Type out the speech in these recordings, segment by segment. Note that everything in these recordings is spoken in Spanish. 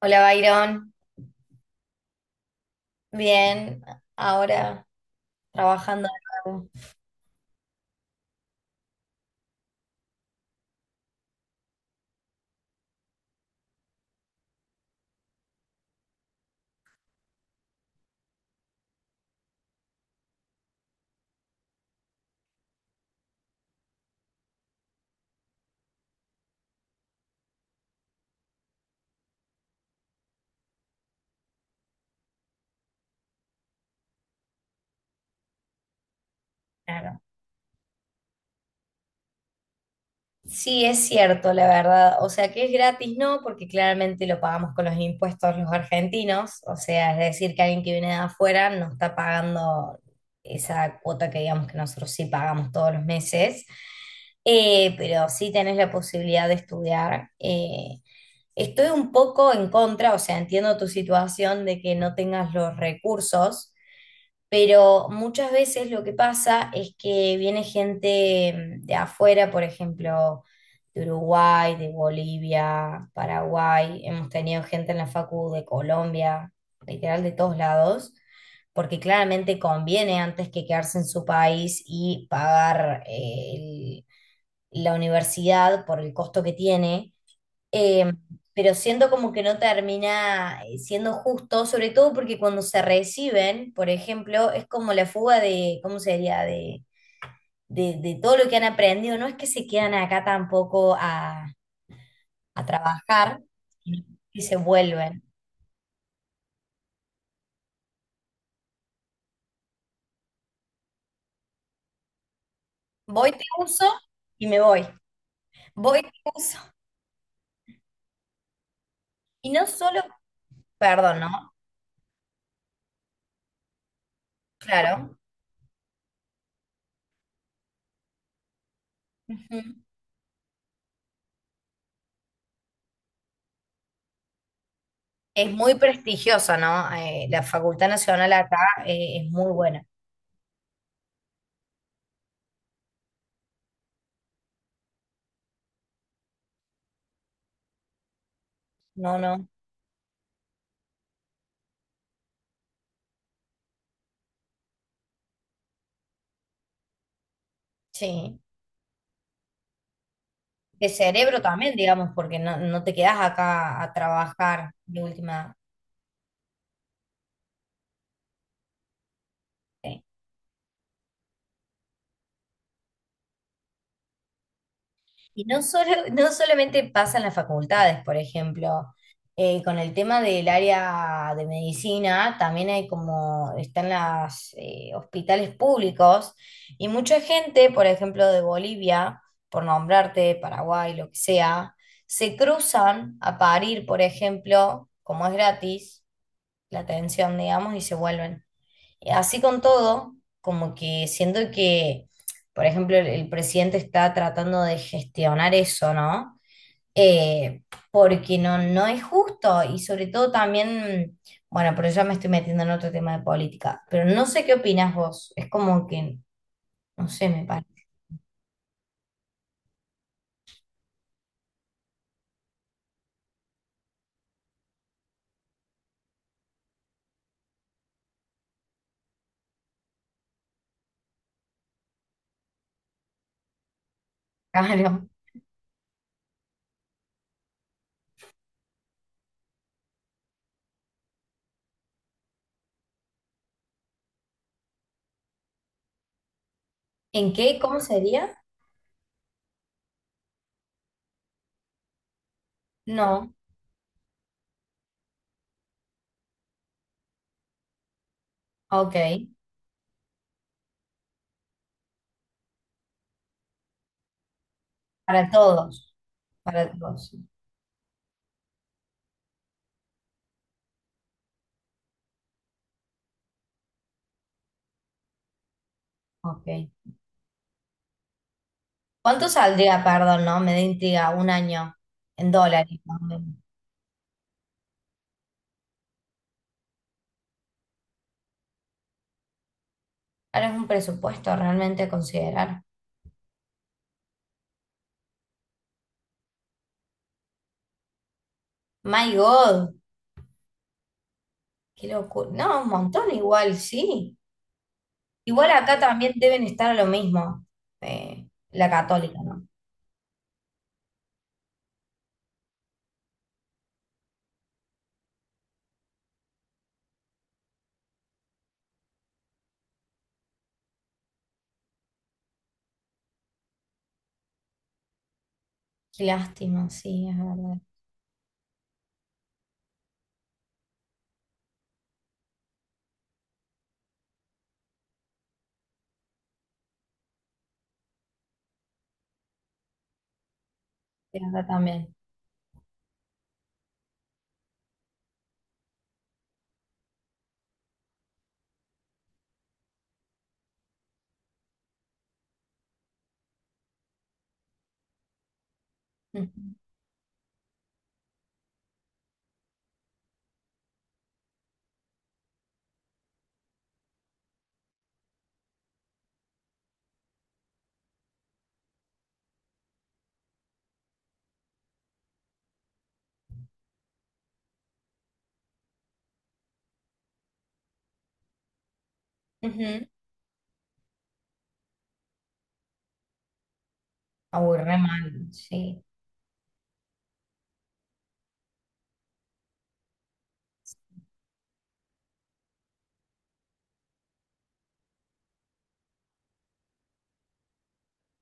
Hola, Byron. Bien, ahora trabajando de nuevo. Claro. Sí, es cierto, la verdad. O sea, que es gratis, no, porque claramente lo pagamos con los impuestos los argentinos. O sea, es decir, que alguien que viene de afuera no está pagando esa cuota que digamos que nosotros sí pagamos todos los meses. Pero sí tenés la posibilidad de estudiar. Estoy un poco en contra, o sea, entiendo tu situación de que no tengas los recursos. Pero muchas veces lo que pasa es que viene gente, de afuera, por ejemplo, de Uruguay, de Bolivia, Paraguay, hemos tenido gente en la facu de Colombia, literal de todos lados, porque claramente conviene antes que quedarse en su país y pagar la universidad por el costo que tiene, eh, pero siento como que no termina siendo justo, sobre todo porque cuando se reciben, por ejemplo, es como la fuga de, ¿cómo sería? De todo lo que han aprendido. No es que se quedan acá tampoco a, a trabajar, sino que se vuelven. Voy, te uso y me voy. Voy, te uso. Y no solo, perdón, ¿no? Claro. Ujú. Es muy prestigiosa, ¿no? La Facultad Nacional acá, es muy buena. No, no. Sí. De cerebro también, digamos, porque no, no te quedas acá a trabajar de última. Eh. Y no solo, no solamente pasa en las facultades, por ejemplo, con el tema del área de medicina, también hay como, están los hospitales públicos y mucha gente, por ejemplo, de Bolivia, por nombrarte, Paraguay, lo que sea, se cruzan a parir, por ejemplo, como es gratis la atención, digamos, y se vuelven. Así con todo, como que siento que, por ejemplo, el presidente está tratando de gestionar eso, ¿no? Eh, Porque no, no es justo y sobre todo también, bueno, pero ya me estoy metiendo en otro tema de política, pero no sé qué opinas vos, es como que, no sé, me parece caro. ¿En qué? ¿Cómo sería? No, ok, para todos, para todos, ok. ¿Cuánto saldría, perdón, no? Me da intriga, un año en dólares, ¿no? Ahora es un presupuesto realmente a considerar. My God, qué locura. No, un montón igual, sí. Igual acá también deben estar a lo mismo. Eh, la católica, ¿no? Qué lástima, sí, es verdad. Sí, acá también. Ujú. Ujú. Ah, uy, re mal, sí.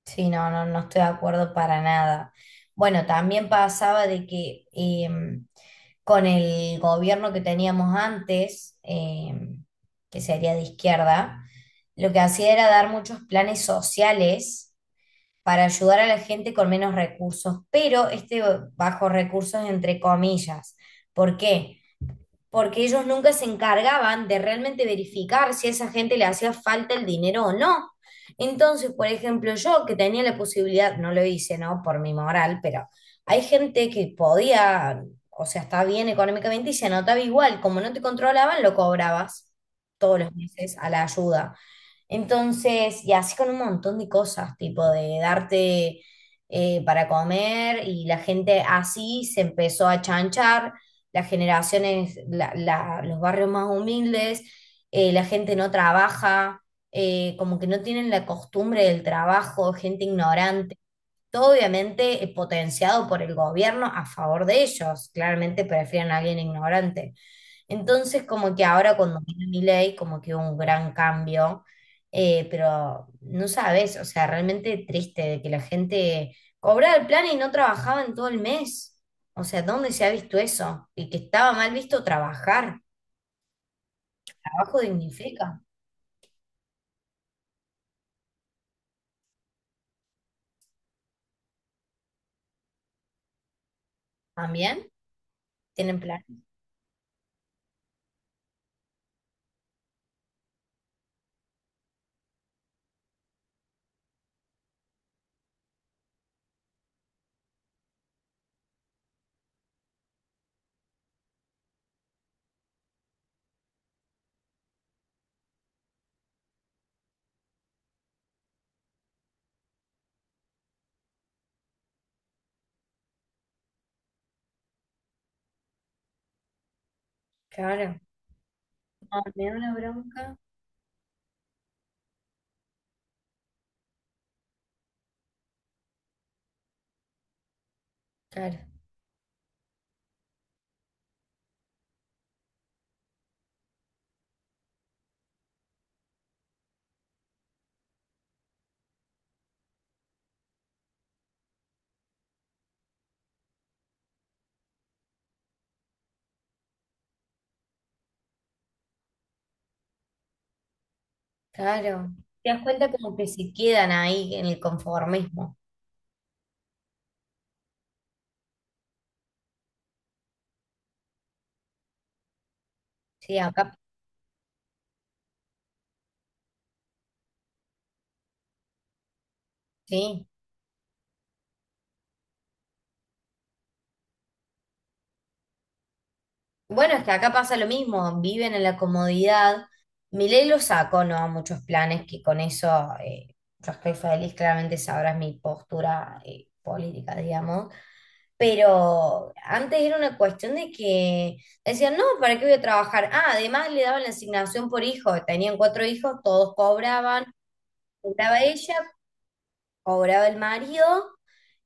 Sí, no, no, no estoy de acuerdo para nada. Bueno, también pasaba de que, em, con el gobierno que teníamos antes, que sería de izquierda, lo que hacía era dar muchos planes sociales para ayudar a la gente con menos recursos, pero este bajo recursos entre comillas. ¿Por qué? Porque ellos nunca se encargaban de realmente verificar si a esa gente le hacía falta el dinero o no. Entonces, por ejemplo, yo que tenía la posibilidad, no lo hice, ¿no? Por mi moral, pero hay gente que podía, o sea, está bien económicamente y se anotaba igual, como no te controlaban, lo cobrabas todos los meses a la ayuda. Entonces, y así con un montón de cosas, tipo de darte para comer y la gente así se empezó a chanchar las generaciones, los barrios más humildes, la gente no trabaja, como que no tienen la costumbre del trabajo, gente ignorante. Todo obviamente potenciado por el gobierno a favor de ellos. Claramente prefieren a alguien ignorante. Entonces, como que ahora cuando vino Milei, como que hubo un gran cambio, pero no sabes, o sea, realmente triste de que la gente cobraba el plan y no trabajaba en todo el mes. O sea, ¿dónde se ha visto eso? Y que estaba mal visto trabajar. Trabajo dignifica. ¿También? ¿Tienen plan? Claro. No, me da una bronca. Claro, claro. Te das cuenta como que se quedan ahí en el conformismo. Sí, acá, sí. Bueno, es que acá pasa lo mismo, viven en la comodidad. Milei lo sacó, no a muchos planes, que con eso yo estoy feliz, claramente sabrás mi postura política, digamos. Pero antes era una cuestión de que decían, no, ¿para qué voy a trabajar? Ah, además le daban la asignación por hijo, tenían cuatro hijos, todos cobraban, cobraba ella, cobraba el marido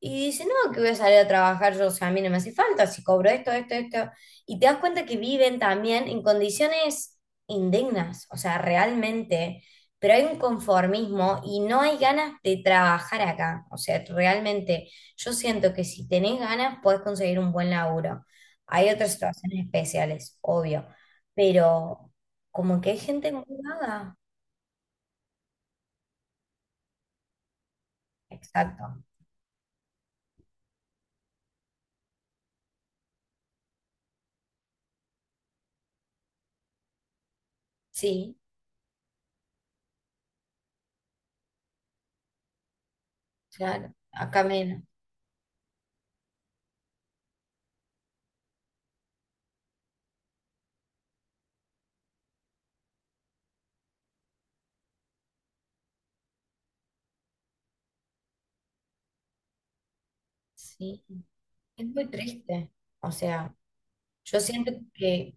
y dice, no, que voy a salir a trabajar yo, o sea, a mí no me hace falta, si cobro esto, esto, esto. Y te das cuenta que viven también en condiciones indignas, o sea, realmente, pero hay un conformismo y no hay ganas de trabajar acá, o sea, realmente yo siento que si tenés ganas podés conseguir un buen laburo. Hay otras situaciones especiales, obvio, pero como que hay gente muy vaga. Exacto. Sí, claro, acá menos. Sí, es muy triste. O sea, yo siento que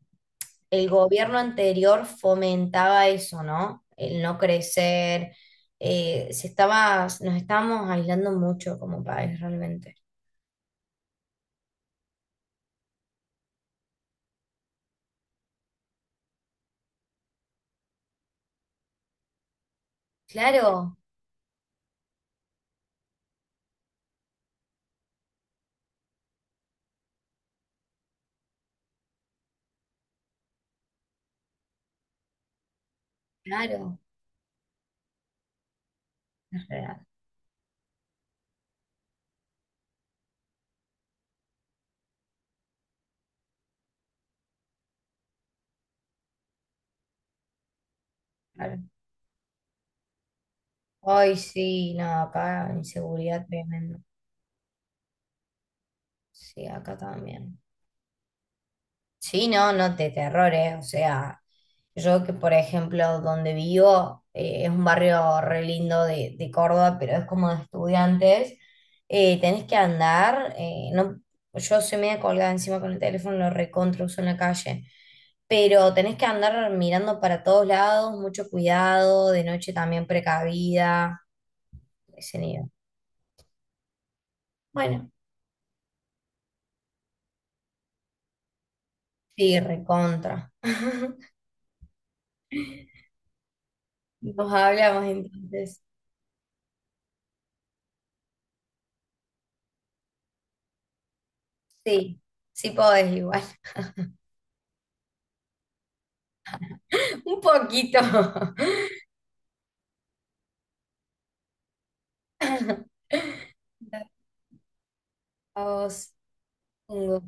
el gobierno anterior fomentaba eso, ¿no? El no crecer. Eh, se estaba, nos estábamos aislando mucho como país realmente. Claro, claro, es real, claro. Ay, sí, no, acá inseguridad tremenda. Sí, acá también. Sí, no, no te terrores, o sea, yo que por ejemplo donde vivo es un barrio re lindo de Córdoba, pero es como de estudiantes, tenés que andar, no, yo soy media colgada encima con el teléfono, lo recontra uso en la calle, pero tenés que andar mirando para todos lados, mucho cuidado, de noche también precavida, ese nivel. Bueno, sí, recontra. Nos hablamos entonces. Sí, sí podés igual. Un poquito. Dale, a vos, Hugo.